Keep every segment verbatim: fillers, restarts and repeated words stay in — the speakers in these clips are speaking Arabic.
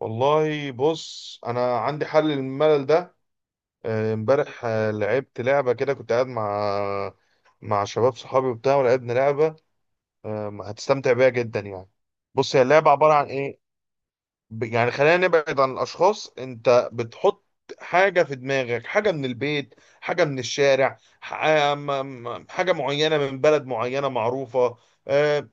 والله بص انا عندي حل للملل ده. آه، امبارح، آه، لعبت لعبه كده، كنت قاعد مع مع شباب صحابي وبتاع، ولعبنا لعبه. آه، هتستمتع بيها جدا يعني. بص، هي اللعبه عباره عن ايه؟ ب- يعني خلينا نبعد عن الاشخاص. انت بتحط حاجه في دماغك، حاجه من البيت، حاجه من الشارع، ح- آه، م- م- حاجه معينه من بلد معينه معروفه. آه،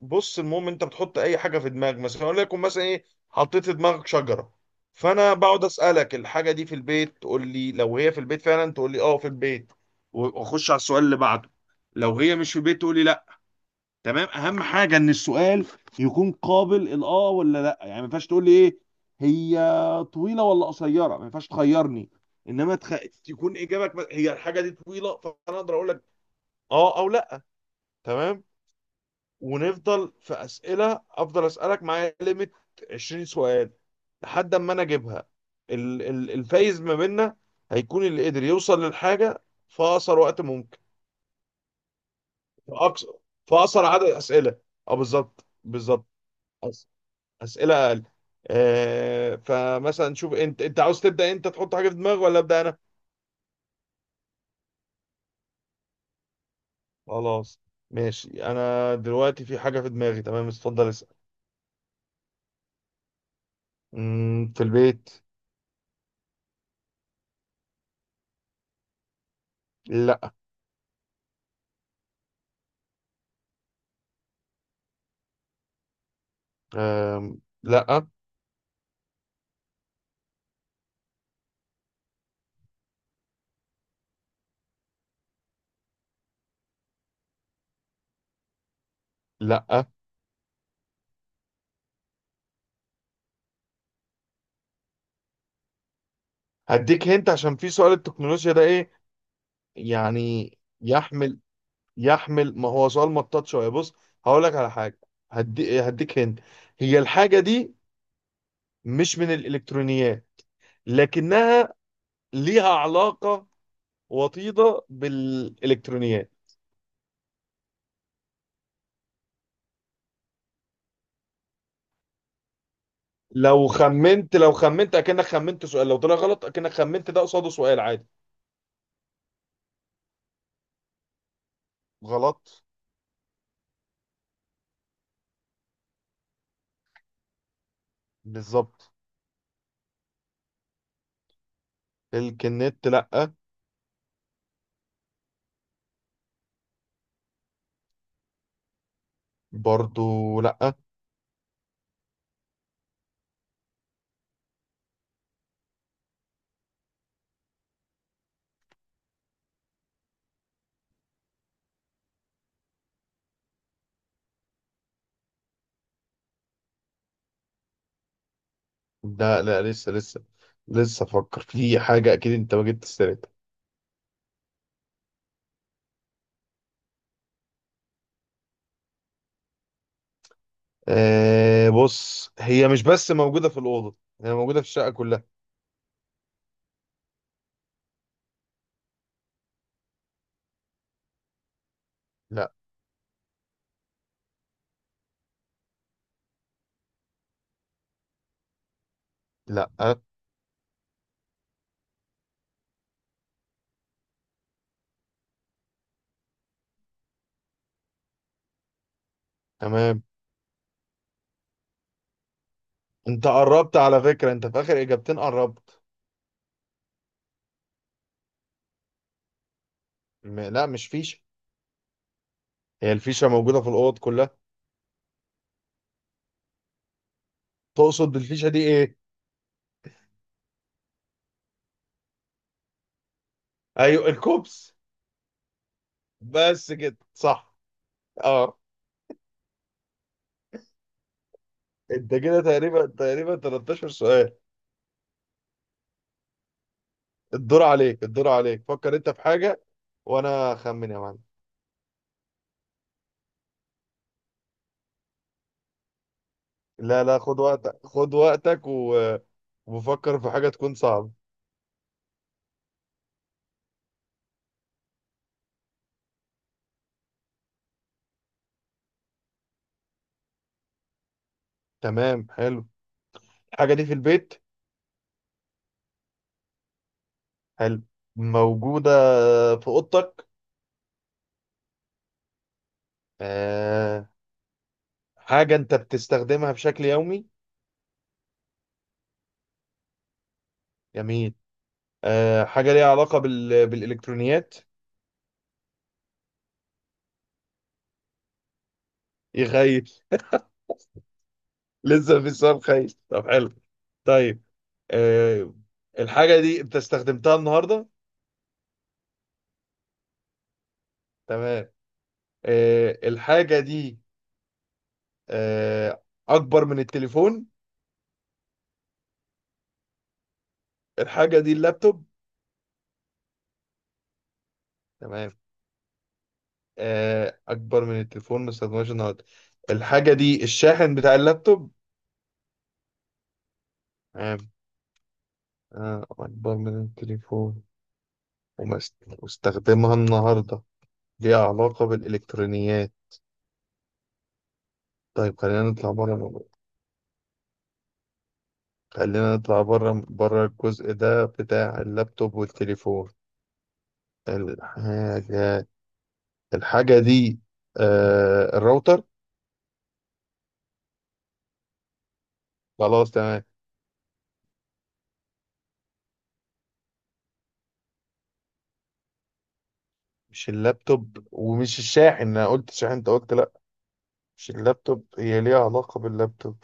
بص، المهم انت بتحط اي حاجه في دماغك. مثلا اقول لكم، مثلا ايه حطيت في دماغك؟ شجره. فانا بقعد اسالك الحاجه دي في البيت، تقول لي لو هي في البيت فعلا تقول لي اه في البيت، واخش على السؤال اللي بعده. لو هي مش في البيت تقول لي لا. تمام، اهم حاجه ان السؤال يكون قابل الاه ولا لا. يعني ما ينفعش تقول لي ايه هي، طويله ولا قصيره. ما ينفعش تخيرني. انما تخ... تكون اجابك هي الحاجه دي طويله، فانا اقدر اقول لك اه او لا. تمام. ونفضل في اسئله، افضل اسالك معايا ليميت عشرين سؤال، لحد اما انا اجيبها. ال- ال- الفايز ما بيننا هيكون اللي قدر يوصل للحاجه في اقصر وقت ممكن. في اقصر في اقصر عدد اسئله. اه، بالظبط بالظبط. أس- اسئله اقل. آه فمثلا نشوف، انت انت عاوز تبدا، انت تحط حاجه في دماغك، ولا ابدا انا؟ خلاص ماشي، انا دلوقتي في حاجه في دماغي، تمام اتفضل اسال. مم، في البيت. لا. آم، لا. لا. هديك هنت، عشان في سؤال التكنولوجيا ده ايه يعني؟ يحمل، يحمل. ما هو سؤال مطاط شويه. بص هقول لك على حاجه، هدي هديك هنت. هي الحاجه دي مش من الالكترونيات، لكنها ليها علاقه وطيده بالالكترونيات. لو خمنت لو خمنت اكنك خمنت سؤال، لو طلع غلط اكنك خمنت، ده قصاده سؤال عادي. غلط. بالظبط. الكنت لا. برضو لا لا. لا، لسه لسه لسه افكر في حاجه اكيد انت ما جبت سيرتها. أه بص، هي مش بس موجوده في الاوضه، هي موجوده في الشقه كلها. لا. لا أه. تمام، انت قربت على فكره، انت في اخر اجابتين قربت. م لا، مش فيشه، هي الفيشه موجوده في الاوض كلها. تقصد بالفيشه دي ايه؟ ايوه، الكوبس. بس كده صح. اه، انت كده تقريبا تقريبا تلتاشر سؤال. الدور عليك الدور عليك، فكر انت في حاجه وانا اخمن يا معلم. لا لا، خد وقتك، خد وقتك و... وفكر في حاجة تكون صعبة. تمام حلو. الحاجة دي في البيت. حلو. موجودة في أوضتك. آه، حاجة أنت بتستخدمها بشكل يومي. جميل. آه، حاجة ليها علاقة بال... بالإلكترونيات. يخيل. لسه في السؤال خيل. طب حلو. طيب. آه الحاجة دي أنت استخدمتها النهاردة. تمام. آه الحاجة دي، آه أكبر من التليفون. الحاجة دي اللابتوب. تمام. آه، اكبر من التليفون ما استخدمهاش النهارده. الحاجه دي الشاحن بتاع اللابتوب. تمام. آه، اكبر من التليفون، وما است- واستخدمها النهارده، ليها علاقه بالالكترونيات. طيب، خلينا نطلع بره. خلينا نطلع بره، بره الجزء ده بتاع اللابتوب والتليفون. الحاجه الحاجه دي، آه، الراوتر. خلاص تمام. مش اللابتوب ومش الشاحن، انا قلت شاحن انت قلت لا. مش اللابتوب، هي ليها علاقة باللابتوب.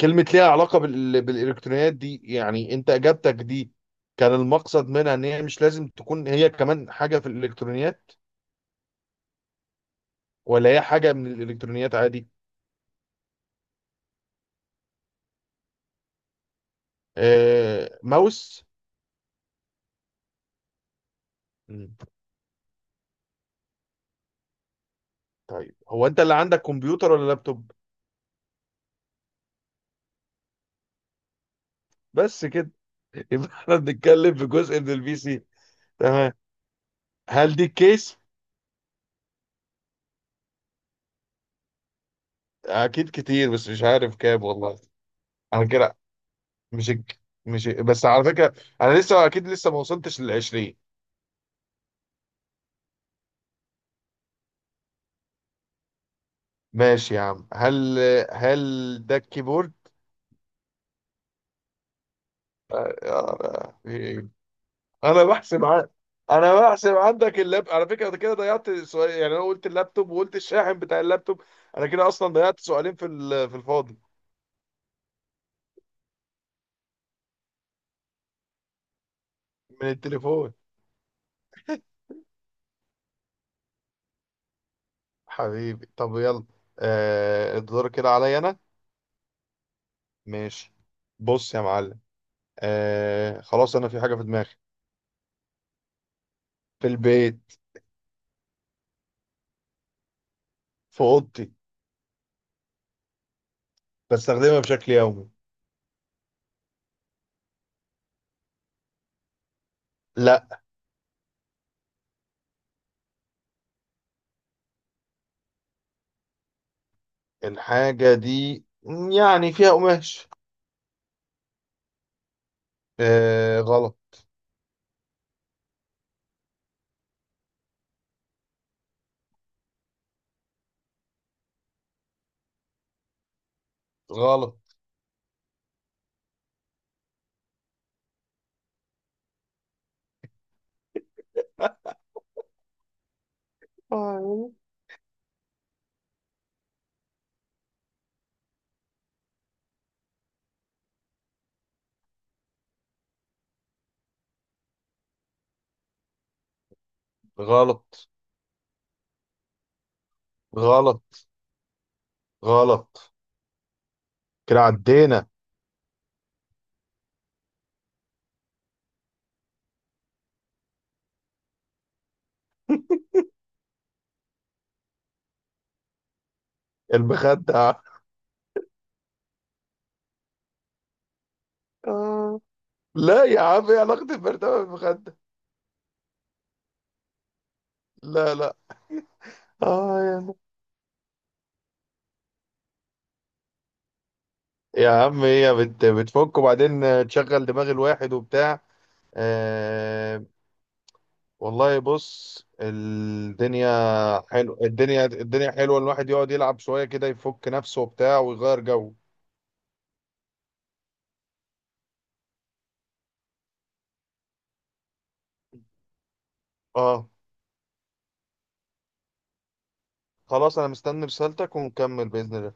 كلمة ليها علاقة بال... بالإلكترونيات دي، يعني أنت إجابتك دي كان المقصد منها إن هي مش لازم تكون هي كمان حاجة في الإلكترونيات، ولا هي حاجة من الإلكترونيات عادي. آه... ماوس. مم. طيب، هو أنت اللي عندك كمبيوتر ولا لابتوب؟ بس كده. يبقى احنا بنتكلم في جزء من البي سي. تمام. هل دي الكيس؟ أكيد كتير، بس مش عارف كام والله. أنا كده مش مش بس على فكرة، أنا لسه أكيد، لسه ما وصلتش لل عشرين. ماشي يا عم. هل هل ده الكيبورد؟ آه، إيه. انا بحسب ع... انا بحسب عندك اللاب. على فكره أنا كده ضيعت سؤال، يعني انا قلت اللابتوب وقلت الشاحن بتاع اللابتوب. انا كده اصلا ضيعت سؤالين في ال- في الفاضي. من التليفون. حبيبي طب يلا، آه الدور كده عليا انا. ماشي. بص يا معلم، آه خلاص انا في حاجه في دماغي. في البيت. في اوضتي. بستخدمها بشكل يومي. لا. الحاجه دي يعني فيها قماش. آه غلط. غلط. آه، غلط. غلط. غلط. كده عدينا. المخدة. آه، لا يا عم، ايه علاقة البرطمان بالمخدة. لا لا. آه، يلا. يا عم هي بت بتفك وبعدين تشغل دماغ الواحد وبتاع. آه. والله بص الدنيا، حلو، الدنيا الدنيا حلوة. الواحد يقعد يلعب شوية كده، يفك نفسه وبتاع ويغير جو. اه خلاص، انا مستني رسالتك ونكمل بإذن الله.